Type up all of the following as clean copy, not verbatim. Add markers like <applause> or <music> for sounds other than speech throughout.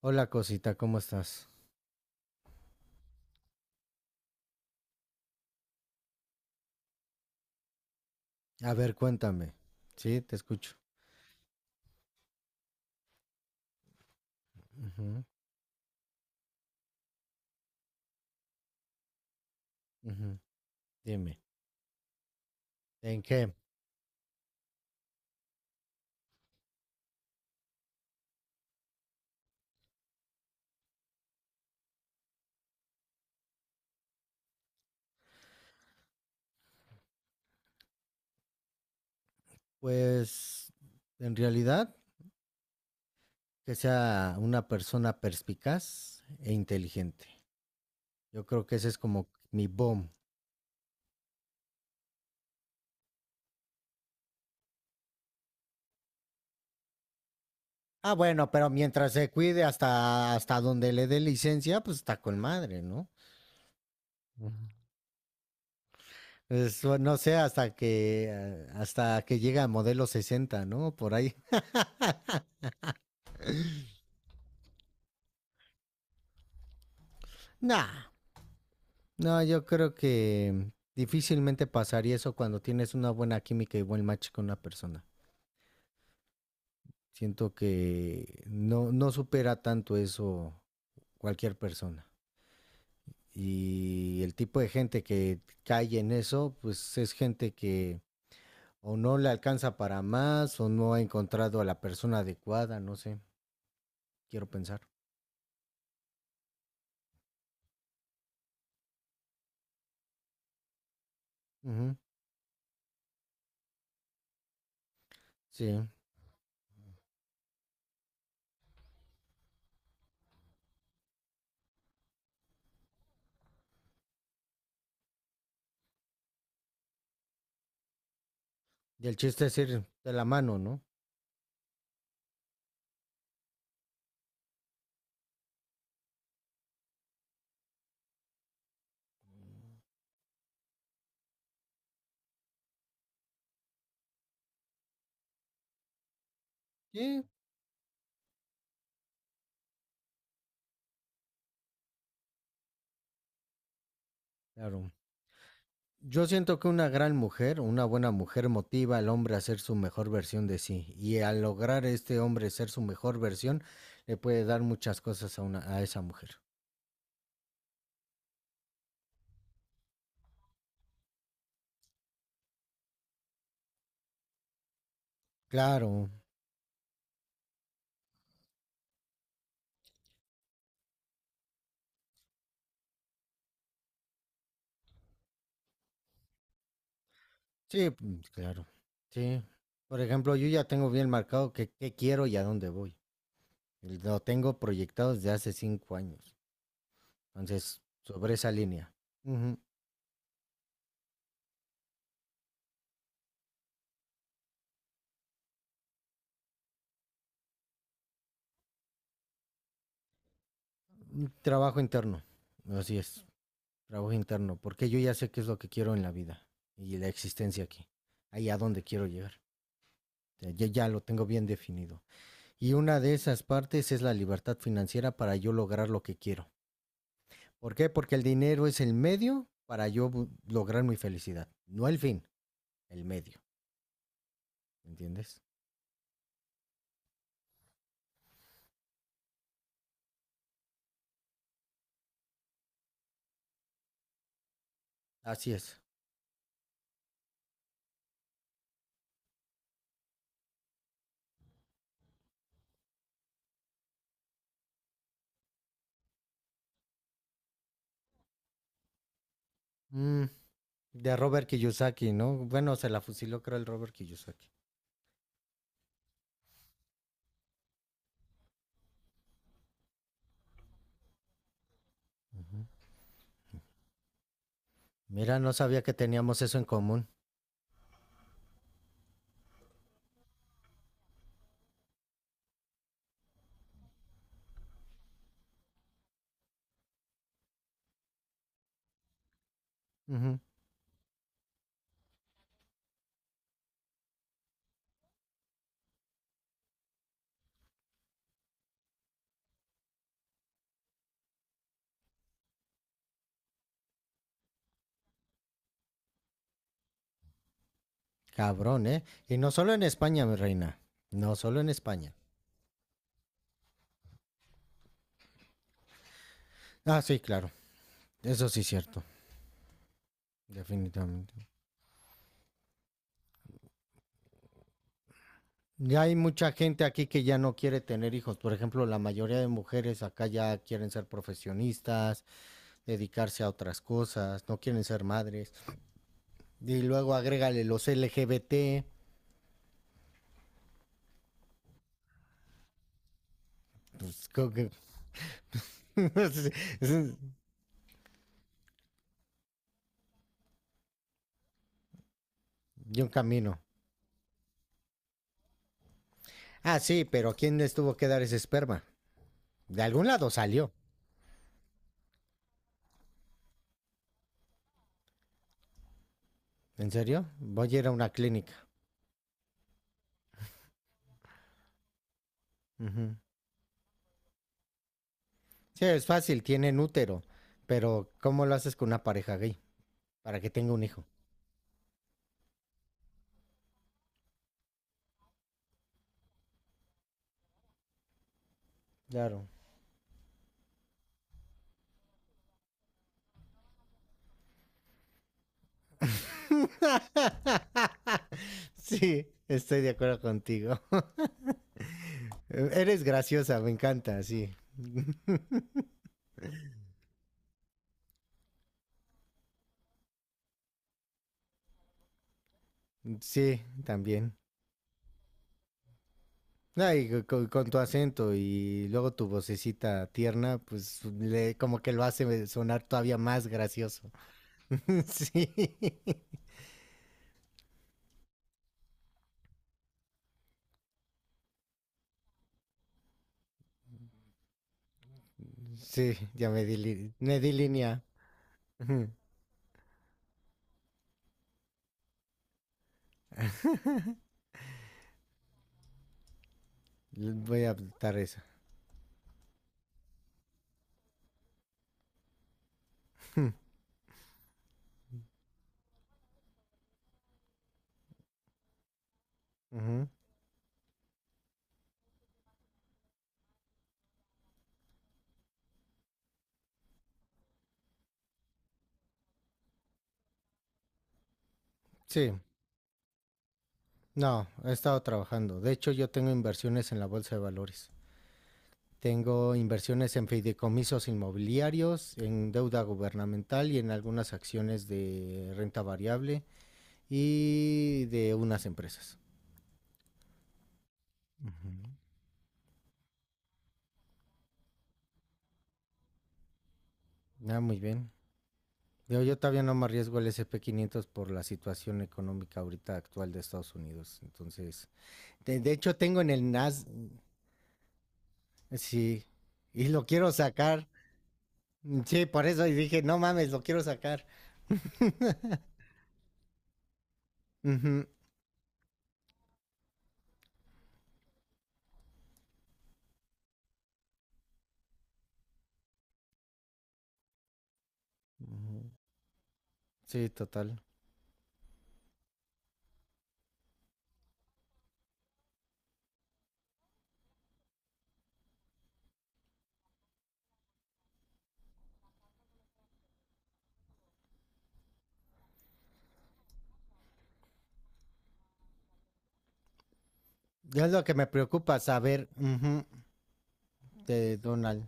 Hola cosita, ¿cómo estás? A ver, cuéntame. Sí, te escucho. Ujú, ujú. Dime, ¿en qué? Pues en realidad que sea una persona perspicaz e inteligente. Yo creo que ese es como mi boom. Ah, bueno, pero mientras se cuide hasta donde le dé licencia, pues está con madre, ¿no? Ujú. Pues, o no sé, hasta que llega a modelo 60, ¿no? Por ahí. <laughs> Nah, no, yo creo que difícilmente pasaría eso cuando tienes una buena química y buen match con una persona. Siento que no, no supera tanto eso cualquier persona. Y el tipo de gente que cae en eso, pues es gente que o no le alcanza para más o no ha encontrado a la persona adecuada, no sé, quiero pensar. Ujú, sí, y el chiste es ir de la mano, ¿no? Sí, claro. Yo siento que una gran mujer, una buena mujer motiva al hombre a ser su mejor versión de sí y al lograr este hombre ser su mejor versión le puede dar muchas cosas a esa mujer. Claro, sí, mm, claro, sí. Por ejemplo, yo ya tengo bien marcado qué quiero y a dónde voy. Lo tengo proyectado desde hace 5 años. Entonces, sobre esa línea. Ujú, un trabajo interno, así es. Trabajo interno, porque yo ya sé qué es lo que quiero en la vida y la existencia aquí, ahí a dónde quiero llegar. O sea, ya, ya lo tengo bien definido. Y una de esas partes es la libertad financiera para yo lograr lo que quiero. ¿Por qué? Porque el dinero es el medio para yo lograr mi felicidad. No el fin, el medio. ¿Entiendes? Así es. Mm, de Robert Kiyosaki, ¿no? Bueno, se la fusiló creo el Robert Kiyosaki. Uh-huh. Mira, no sabía que teníamos eso en común. Ujú. Cabrón, ¿eh? Y no solo en España, mi reina. No solo en España. Ah, sí, claro. Eso sí es cierto. Definitivamente. Ya hay mucha gente aquí que ya no quiere tener hijos. Por ejemplo, la mayoría de mujeres acá ya quieren ser profesionistas, dedicarse a otras cosas, no quieren ser madres. Y luego agrégale los LGBT. Pues, <laughs> es un camino. Ah, sí, pero ¿quién les tuvo que dar ese esperma? De algún lado salió. ¿En serio? Voy a ir a una clínica. Ujú. Sí, es fácil, tienen útero, pero ¿cómo lo haces con una pareja gay para que tenga un hijo? Claro. <laughs> Sí, estoy de acuerdo contigo. <laughs> Eres graciosa, me encanta, sí. Sí, también. Ay, con, tu acento y luego tu vocecita tierna, pues le, como que lo hace sonar todavía más gracioso. <laughs> Sí, sí, ya me di línea. Ujú. Voy a adaptar eso. Ujú. Sí, no, he estado trabajando. De hecho, yo tengo inversiones en la bolsa de valores. Tengo inversiones en fideicomisos inmobiliarios, en deuda gubernamental y en algunas acciones de renta variable y de unas empresas. Ujú. Ah, muy bien. Yo todavía no me arriesgo al SP500 por la situación económica ahorita actual de Estados Unidos. Entonces, de hecho tengo en el NAS, sí, y lo quiero sacar. Sí, por eso dije, no mames, lo quiero sacar. Ujú. Sí, total. Ya es lo que me preocupa saber de Donald.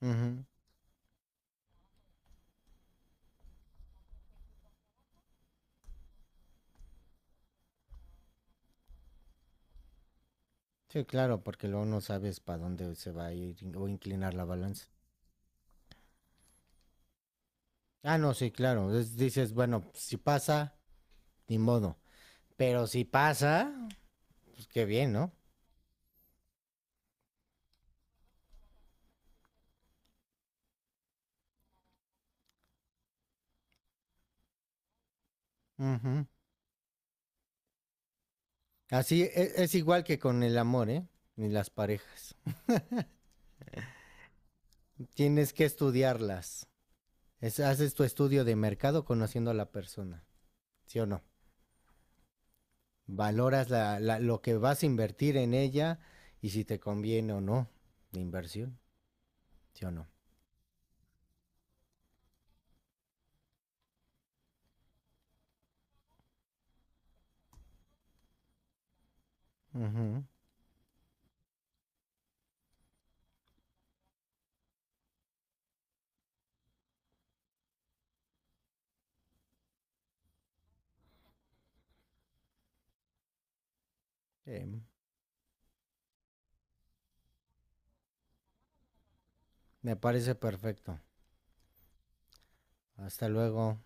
Ujú. Sí, claro, porque luego no sabes para dónde se va a ir o inclinar la balanza. Ah, no, sí, claro. Dices, bueno, si pasa, ni modo. Pero si pasa, pues qué bien, ¿no? Ujú. Así es, igual que con el amor, ¿eh? Ni las parejas. Tienes que estudiarlas. Haces tu estudio de mercado conociendo a la persona, ¿sí o no? Valoras lo que vas a invertir en ella y si te conviene o no de inversión, ¿sí o no? Ujú. Sí, me parece perfecto. Hasta luego.